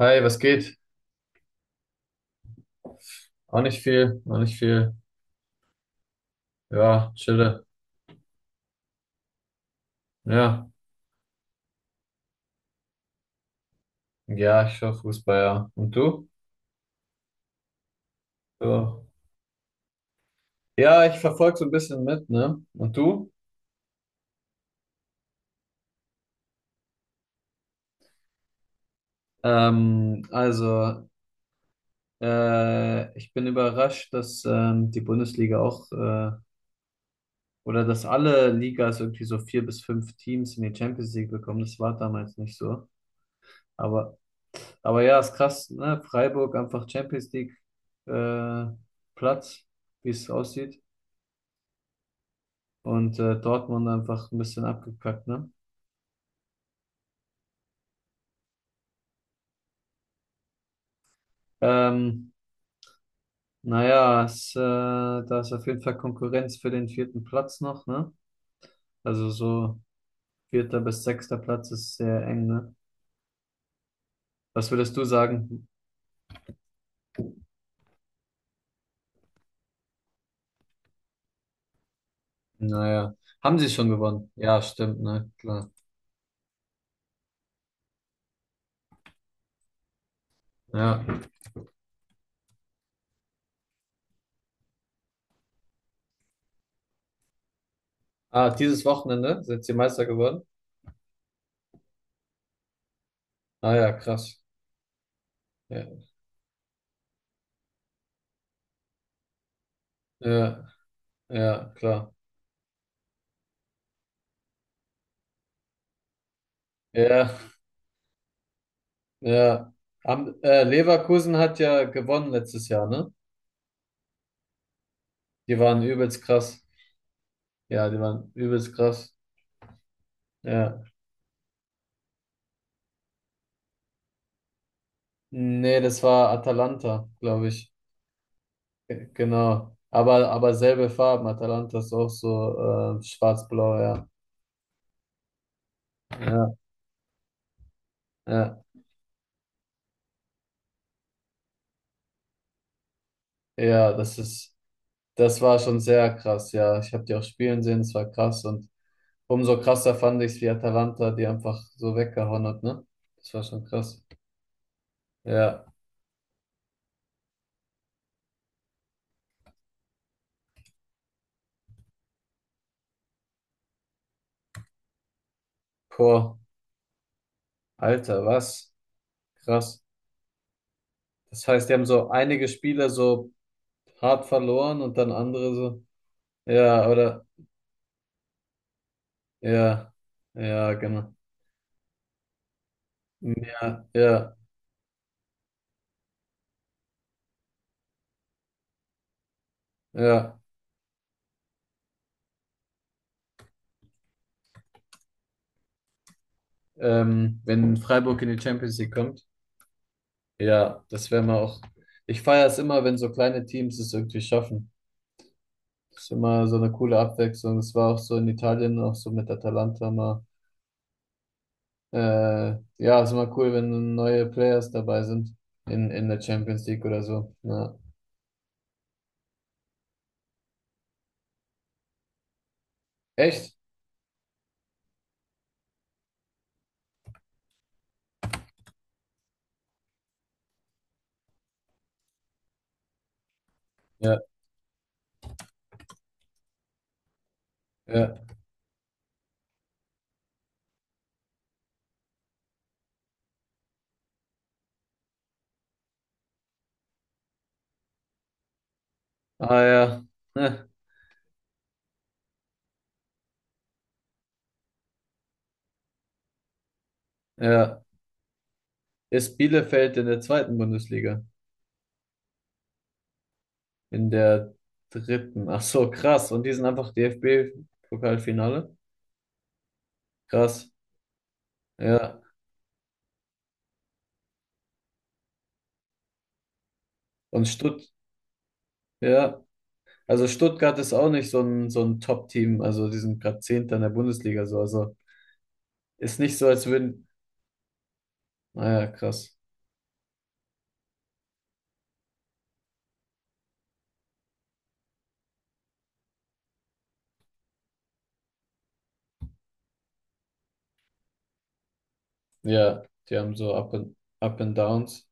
Hi, was geht? Auch nicht viel, auch nicht viel. Ja, chille. Ja, ja, ich schaue Fußball, ja. Und du? Ja, ja ich verfolge so ein bisschen mit, ne? Und du? Also, ich bin überrascht, dass die Bundesliga auch, oder dass alle Ligas irgendwie so vier bis fünf Teams in die Champions League bekommen. Das war damals nicht so. Aber, aber ja, ist krass, ne? Freiburg einfach Champions League äh, Platz, wie es aussieht. Und Dortmund einfach ein bisschen abgekackt, ne? Ähm, naja, da ist auf jeden Fall Konkurrenz für den vierten Platz noch, ne? Also so vierter bis sechster Platz ist sehr eng, ne? Was würdest du sagen? Naja, haben sie schon gewonnen? Ja, stimmt, ne? Klar. Ja. Ah, dieses Wochenende sind sie Meister geworden? Ah ja, krass. Ja, ja, ja, klar. Ja, ja. Leverkusen hat ja gewonnen letztes Jahr, ne? Die waren übelst krass. Ja, die waren übelst krass. Ja. Nee, das war Atalanta, glaube ich. Genau. Aber selbe Farben. Atalanta ist auch so schwarz-blau, ja. Ja, ja. Ja, das war schon sehr krass, ja. Ich habe die auch spielen sehen, es war krass. Und umso krasser fand ich es, wie Atalanta die einfach so weggehauen hat, ne? Das war schon krass. Ja. Boah, Alter, was? Krass. Das heißt, die haben so einige Spiele so hart verloren und dann andere so. Ja, oder? Ja, ja, genau. Ja, ja, ja. Wenn Freiburg in die Champions League kommt, ja, das wäre mal auch. Ich feiere es immer, wenn so kleine Teams es irgendwie schaffen. Das ist immer so eine coole Abwechslung. Es war auch so in Italien, auch so mit Atalanta mal. Ja, ist immer cool, wenn neue Players dabei sind in der Champions League oder so. Ja. Echt? Ja, ja. Ah ja. Hm, ja. Ist Bielefeld in der zweiten Bundesliga? In der dritten. Ach so, krass. Und die sind einfach DFB-Pokalfinale. Krass. Ja. Und Stutt, ja. Also Stuttgart ist auch nicht so ein, so ein Top-Team. Also die sind gerade Zehnter in der Bundesliga so. Also ist nicht so, als würden. Naja, krass. Ja, die haben so Up and Downs.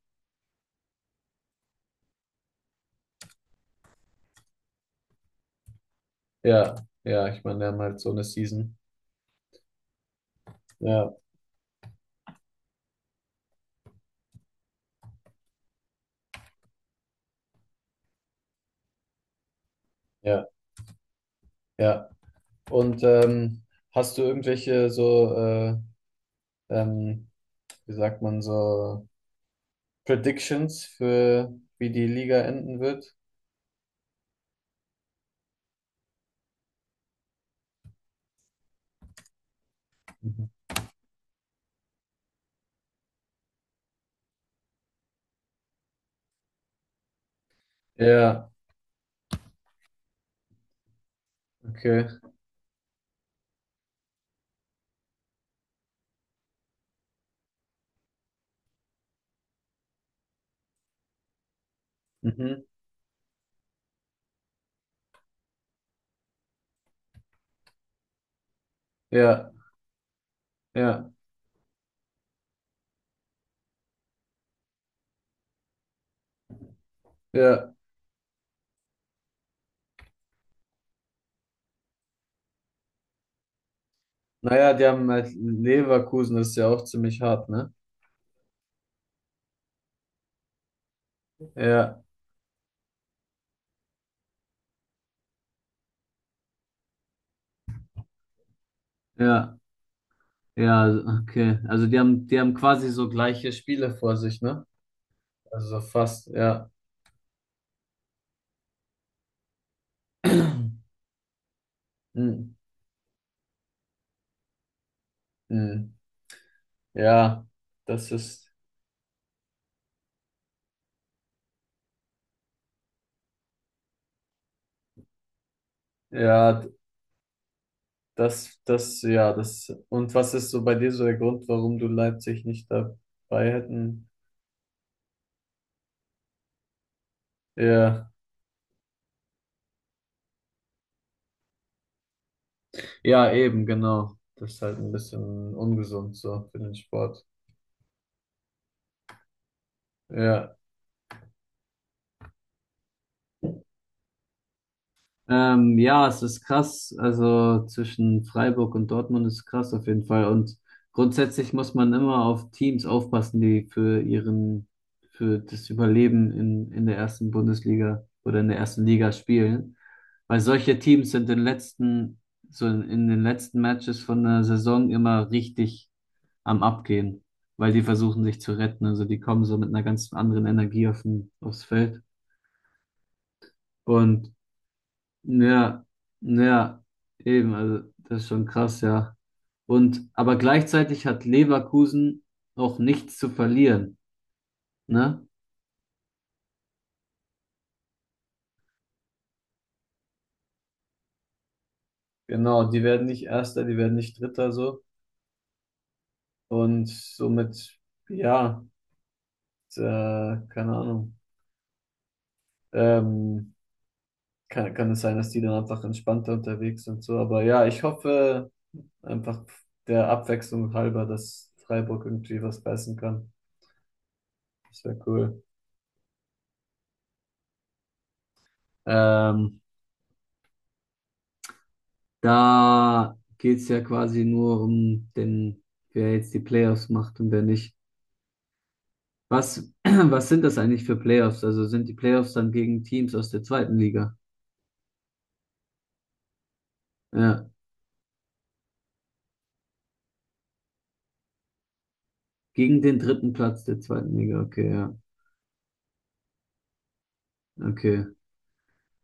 Ja, ja, ich meine, die haben halt so eine Season. Ja, ja, ja. Und hast du irgendwelche so, ähm, wie sagt man so, Predictions für wie die Liga enden wird? Mhm. Ja, okay. Mhm. Ja, ja, ja. Naja, die haben halt Leverkusen, das ist ja auch ziemlich hart, ne? Ja, ja, ja, okay. Also die haben quasi so gleiche Spiele vor sich, ne? Also so fast, ja. Hm, hm. Ja, das ist, ja, das, ja, das. Und was ist so bei dir so der Grund, warum du Leipzig nicht dabei hätten? Ja. Ja, eben, genau. Das ist halt ein bisschen ungesund so für den Sport. Ja. Ja, es ist krass. Also zwischen Freiburg und Dortmund ist krass auf jeden Fall. Und grundsätzlich muss man immer auf Teams aufpassen, die für das Überleben in der ersten Bundesliga oder in der ersten Liga spielen. Weil solche Teams sind in den letzten Matches von der Saison immer richtig am Abgehen, weil die versuchen sich zu retten. Also die kommen so mit einer ganz anderen Energie aufs Feld. Und ja, ja, eben, also das ist schon krass, ja. Und aber gleichzeitig hat Leverkusen auch nichts zu verlieren, ne? Genau, die werden nicht Erster, die werden nicht Dritter so. Und somit, ja, äh, keine Ahnung. Ähm, kann es sein, dass die dann einfach entspannter unterwegs sind so. Aber ja, ich hoffe. Einfach der Abwechslung halber, dass Freiburg irgendwie was beißen kann. Das wäre cool. Ähm, da geht's ja quasi nur wer jetzt die Playoffs macht und wer nicht. Was, was sind das eigentlich für Playoffs? Also sind die Playoffs dann gegen Teams aus der zweiten Liga? Ja, gegen den dritten Platz der zweiten Liga. Okay, ja, okay.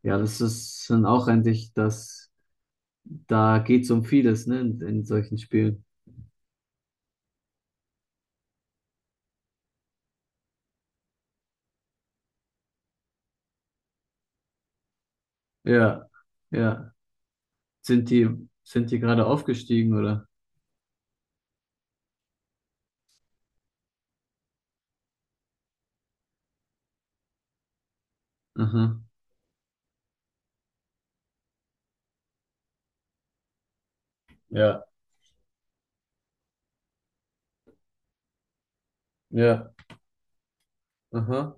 Ja, das ist dann auch eigentlich, da geht's um vieles, ne, in solchen Spielen. Ja, ja. Sind die, sind die gerade aufgestiegen, oder? Aha. Ja, ja, aha.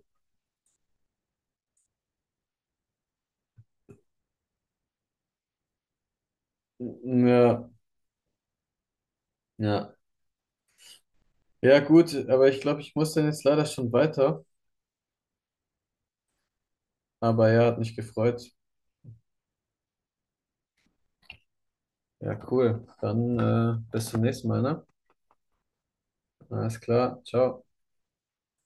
Ja, ja. Ja, gut, aber ich glaube, ich muss dann jetzt leider schon weiter. Aber ja, hat mich gefreut. Ja, cool. Dann bis zum nächsten Mal, ne? Alles klar, ciao.